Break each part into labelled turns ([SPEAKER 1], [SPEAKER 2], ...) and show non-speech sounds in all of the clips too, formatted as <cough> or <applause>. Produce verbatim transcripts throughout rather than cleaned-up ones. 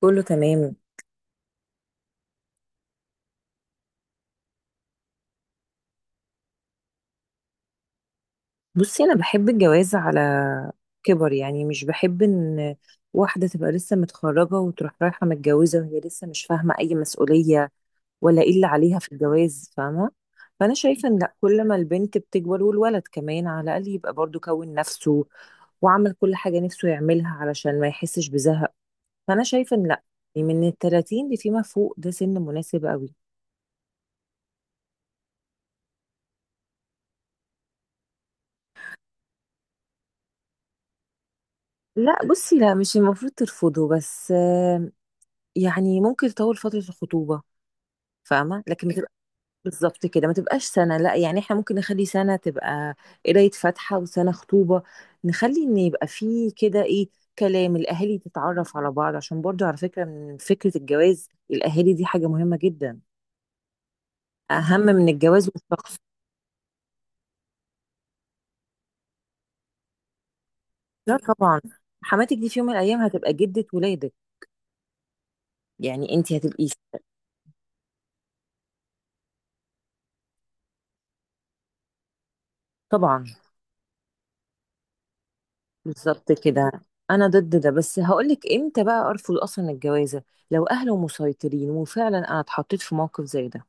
[SPEAKER 1] كله تمام. بصي، انا بحب الجواز على كبر، يعني مش بحب ان واحده تبقى لسه متخرجه وتروح رايحه متجوزه وهي لسه مش فاهمه اي مسؤوليه ولا ايه اللي عليها في الجواز، فاهمه؟ فانا شايفه ان لا، كل ما البنت بتكبر والولد كمان على الاقل يبقى برضو كون نفسه وعمل كل حاجه نفسه يعملها علشان ما يحسش بزهق. فانا شايفه ان لا، يعني من ال ثلاثين اللي فيما فوق ده سن مناسب قوي. لا بصي، لا مش المفروض ترفضه، بس يعني ممكن تطول فترة الخطوبة، فاهمة؟ لكن ما تبقى بالظبط كده، ما تبقاش سنة، لا يعني احنا ممكن نخلي سنة تبقى قراية فاتحة وسنة خطوبة، نخلي ان يبقى فيه كده ايه، كلام الاهالي، تتعرف على بعض، عشان برضو على فكرة من فكرة الجواز الاهالي دي حاجة مهمة جدا، اهم من الجواز والشخص. لا طبعا، حماتك دي في يوم من الايام هتبقى جدة ولادك، يعني انت هتبقي طبعا بالظبط كده. انا ضد ده، بس هقولك امتى بقى ارفض اصلا الجوازه: لو اهله مسيطرين. وفعلا انا اتحطيت في موقف زي ده،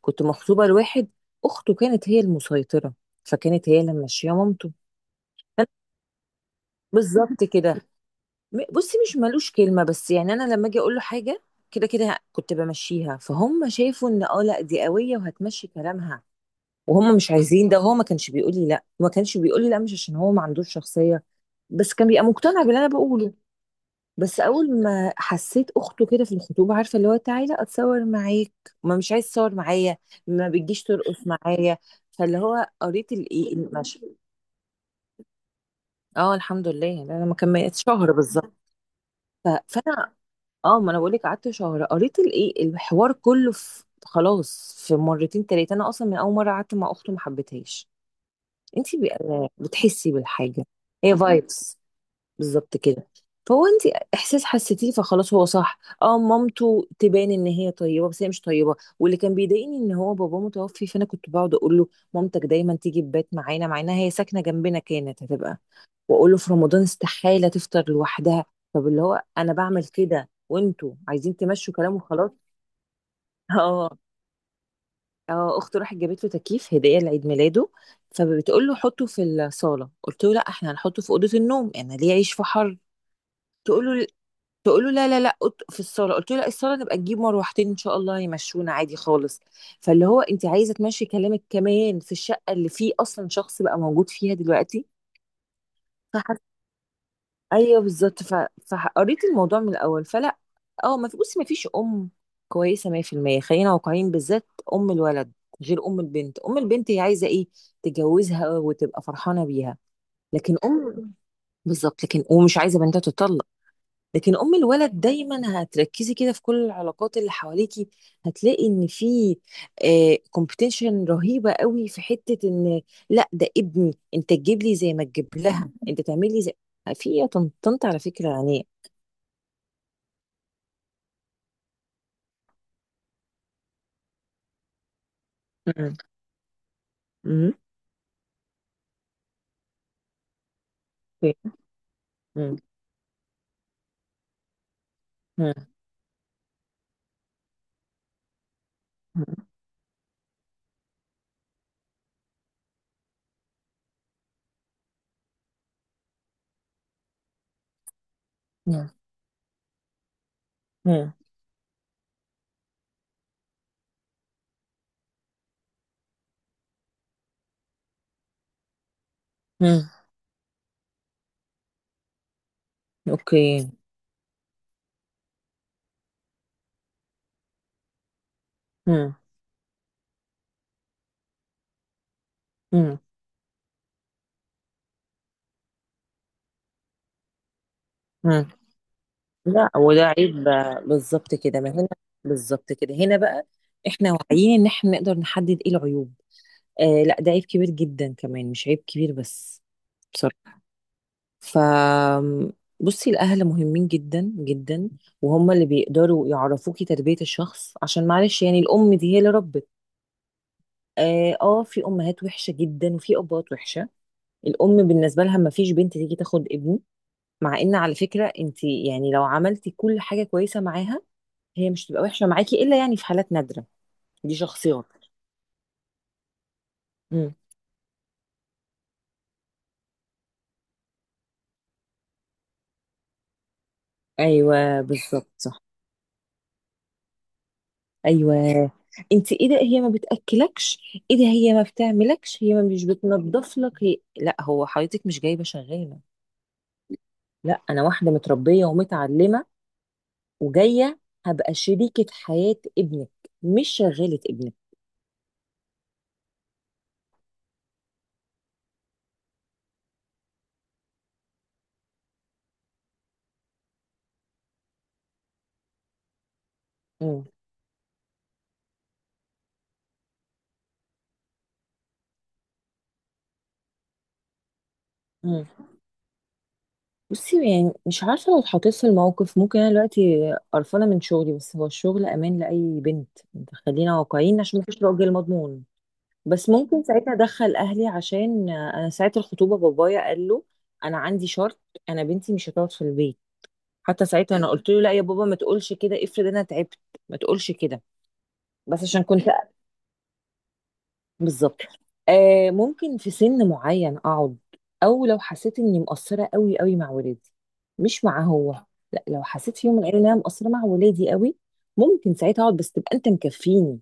[SPEAKER 1] كنت مخطوبه لواحد اخته كانت هي المسيطره، فكانت هي اللي ماشيه مامته. أنا- بالظبط كده. م- بصي، مش ملوش كلمه، بس يعني انا لما اجي اقول له حاجه كده كده كنت بمشيها، فهم شافوا ان اه لا دي قويه وهتمشي كلامها وهم مش عايزين ده. هو ما كانش بيقول لي لا، ما كانش بيقول لي لا مش عشان هو ما عندوش شخصيه، بس كان بيبقى مقتنع باللي انا بقوله. بس اول ما حسيت اخته كده في الخطوبه، عارفه اللي هو تعالى اتصور معاك، ما مش عايز تصور معايا، ما بتجيش ترقص معايا، فاللي هو قريت الايه المشهد. اه الحمد لله، يعني انا ما كملت شهر بالظبط. ف- فانا اه، ما انا بقول لك قعدت شهر، قريت الايه الحوار كله في خلاص في مرتين تلاتة. انا اصلا من اول مره قعدت مع اخته ما حبيتهاش. انتي بي- بتحسي بالحاجه، هي فايبس، بالظبط كده. فهو انت احساس حسيتيه فخلاص هو صح. اه مامته تبان ان هي طيبه بس هي مش طيبه، واللي كان بيضايقني ان هو باباه متوفي، فانا كنت بقعد اقول له مامتك دايما تيجي تبات معانا مع انها هي ساكنه جنبنا، كانت هتبقى. واقول له في رمضان استحاله تفطر لوحدها، طب اللي هو انا بعمل كده وانتوا عايزين تمشوا كلام وخلاص. <laughs> اه اه، اخته راحت جابت له تكييف هديه لعيد ميلاده، فبتقول له حطه في الصاله، قلت له لا احنا هنحطه في اوضه النوم، انا ليه اعيش في حر. تقول له، تقول له لا لا لا قط- في الصاله، قلت له لا الصاله نبقى نجيب مروحتين ان شاء الله يمشونا عادي خالص. فاللي هو انت عايزه تمشي كلامك كمان في الشقه اللي فيه اصلا شخص بقى موجود فيها دلوقتي. فح... ايوه بالظبط. ف... فقريت الموضوع من الاول، فلا. اه ما في بصي، ما فيش ام كويسه مية في المية، خلينا واقعيين بالذات، ام الولد غير ام البنت. ام البنت هي عايزه ايه؟ تجوزها وتبقى فرحانه بيها. لكن ام بالظبط، لكن ومش عايزه بنتها تطلق. لكن ام الولد دايما هتركزي كده في كل العلاقات اللي حواليكي، هتلاقي ان في كومبيتيشن رهيبه قوي في حته ان لا ده ابني انت تجيب لي زي ما تجيب لها، انت تعمل لي زي. آه، في إيه يا طن- طنط، على فكره يعني. مم. مم. اوكي. مم. مم. مم. مم. مم. اوكي. مم. مم. مم. لا وده عيب بقى. بالظبط كده، ما هنا بالظبط كده، هنا بقى احنا واعيين ان احنا نقدر نحدد ايه العيوب. آه لا ده عيب كبير جدا، كمان مش عيب كبير بس، بصراحة. ف بصي الأهل مهمين جدا جدا، وهم اللي بيقدروا يعرفوكي تربية الشخص، عشان معلش يعني الأم دي هي اللي ربت. آه، آه في أمهات وحشة جدا وفي أبوات وحشة. الأم بالنسبة لها ما فيش بنت تيجي تاخد ابني، مع إن على فكرة أنت يعني لو عملتي كل حاجة كويسة معاها هي مش تبقى وحشة معاكي إلا يعني في حالات نادرة، دي شخصيات. مم. أيوه بالظبط. ايوه، انت ايه ده هي ما بتاكلكش؟ ايه ده هي ما بتعملكش؟ هي ما مش بتنظف لك؟ هي... لا، هو حضرتك مش جايبه شغاله. لا انا واحده متربيه ومتعلمه وجايه هبقى شريكه حياه ابنك، مش شغاله ابنك. مم. مم. بصي، يعني مش عارفه لو اتحطيت في الموقف، ممكن انا دلوقتي قرفانه من شغلي، بس هو الشغل امان لاي بنت، خلينا واقعيين عشان مفيش راجل مضمون. بس ممكن ساعتها ادخل اهلي، عشان انا ساعه الخطوبه بابايا قال له انا عندي شرط، انا بنتي مش هتقعد في البيت. حتى ساعتها انا قلت له لا يا بابا ما تقولش كده، افرض انا تعبت، ما تقولش كده. بس عشان كنت بالظبط. آه ممكن في سن معين اقعد، او لو حسيت اني مقصره قوي قوي مع ولادي، مش مع هو. لا، لو حسيت في يوم من الايام ان انا مقصره مع ولادي قوي، ممكن ساعتها اقعد، بس تبقى انت مكفيني.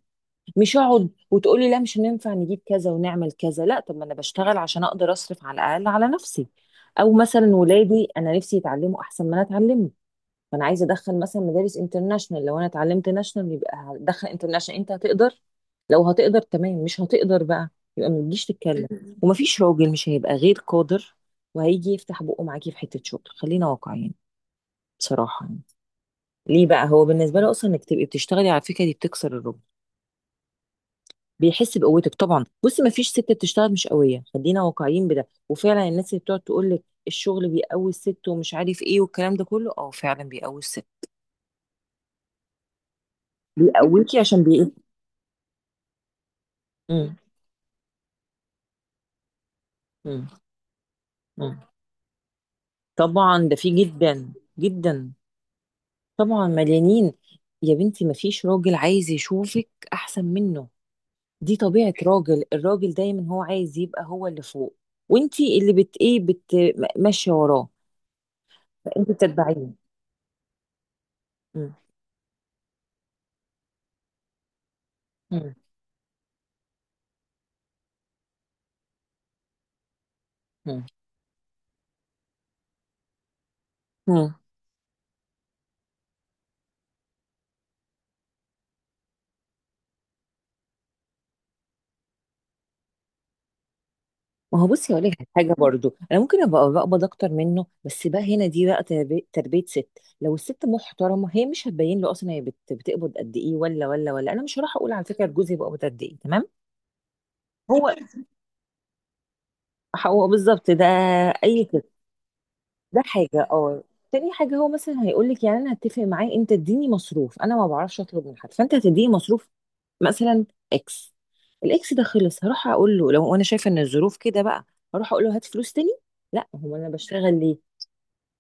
[SPEAKER 1] مش اقعد وتقولي لا مش هننفع نجيب كذا ونعمل كذا، لا طب ما انا بشتغل عشان اقدر اصرف على الاقل على نفسي. او مثلا ولادي انا نفسي يتعلموا احسن ما انا اتعلمه، فانا عايزه ادخل مثلا مدارس انترناشونال، لو انا اتعلمت ناشونال يبقى هدخل انترناشونال. انت هتقدر؟ لو هتقدر تمام، مش هتقدر بقى يبقى ما تجيش تتكلم. <laughs> ومفيش راجل مش هيبقى غير قادر وهيجي يفتح بقه معاكي في حته شغل، خلينا واقعيين بصراحه يعني. ليه بقى هو بالنسبه له اصلا انك تبقي بتشتغلي، على فكره دي بتكسر الرجل، بيحس بقوتك. طبعا بصي ما فيش ست بتشتغل مش قويه، خلينا واقعيين بده. وفعلا الناس اللي بتقعد تقول لك الشغل بيقوي الست ومش عارف ايه والكلام ده كله، اه فعلا بيقوي الست، بيقويكي عشان بي. <laughs> مم. مم. مم. طبعا ده في جدا جدا، طبعا مليانين. يا بنتي ما فيش راجل عايز يشوفك احسن منه، دي طبيعه راجل، الراجل دايما هو عايز يبقى هو اللي فوق وانتي اللي بت ايه بت ماشيه وراه، فانت بتتبعيه. مم. مم. مم. مم. ما هو بصي هقول لك على حاجه برضو، انا ممكن ابقى بقبض اكتر منه، بس بقى هنا دي بقى تربي- تربيه ست. لو الست محترمه هي مش هتبين له اصلا هي بت- بتقبض قد ايه، ولا ولا ولا انا مش هروح اقول على فكره جوزي بيقبض قد ايه، تمام. هو، هو بالظبط ده. اي كده، ده حاجه. اه، تاني حاجه هو مثلا هيقول لك، يعني انا هتفق معاه انت اديني مصروف، انا ما بعرفش اطلب من حد، فانت هتديني مصروف مثلا اكس. الاكس ده خلص هروح اقول له لو انا شايفه ان الظروف كده بقى، هروح اقول له هات فلوس تاني؟ لا، هو انا بشتغل ليه؟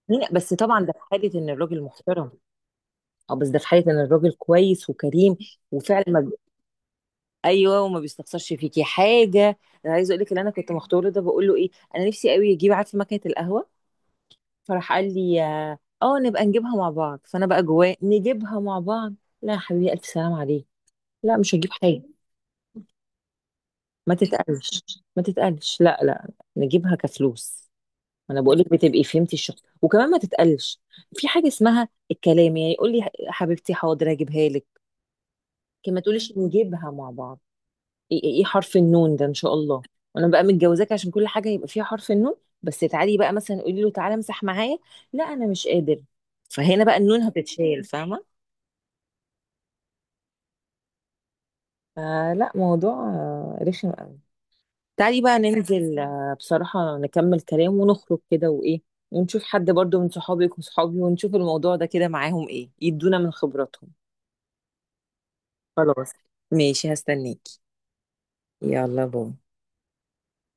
[SPEAKER 1] مين بس؟ طبعا ده في حاله ان الراجل محترم، اه بس ده في حاله ان الراجل كويس وكريم وفعلا ما بي- ايوه وما بيستخسرش فيكي حاجه. انا عايزه اقول لك اللي انا كنت مختاره ده بقول له ايه، انا نفسي قوي يجيب عارفه مكنه القهوه، فراح قال لي اه آه، نبقى نجيبها مع بعض. فانا بقى جواه، نجيبها مع بعض؟ لا يا حبيبي الف سلام عليك، لا مش هجيب حاجه. ما تتقلش، ما تتقلش لا لا، نجيبها كفلوس. انا بقول لك بتبقي فهمتي الشخص، وكمان ما تتقلش، في حاجه اسمها الكلام، يعني يقول لي حبيبتي حاضر هجيبها لك، لكن ما تقوليش نجيبها مع بعض. ايه ايه إيه حرف النون ده ان شاء الله، وانا بقى متجوزاك عشان كل حاجه يبقى فيها حرف النون. بس تعالي بقى مثلا قولي له تعالى امسح معايا، لا انا مش قادر. فهنا بقى النون هتتشال، فاهمه؟ فلا، موضوع آه، رخم قوي. تعالي بقى ننزل آه، بصراحه نكمل كلام ونخرج كده وايه، ونشوف حد برضو من صحابك وصحابي ونشوف الموضوع ده كده معاهم ايه، يدونا من خبراتهم. خلاص ماشي هستنيكي، يلا باي.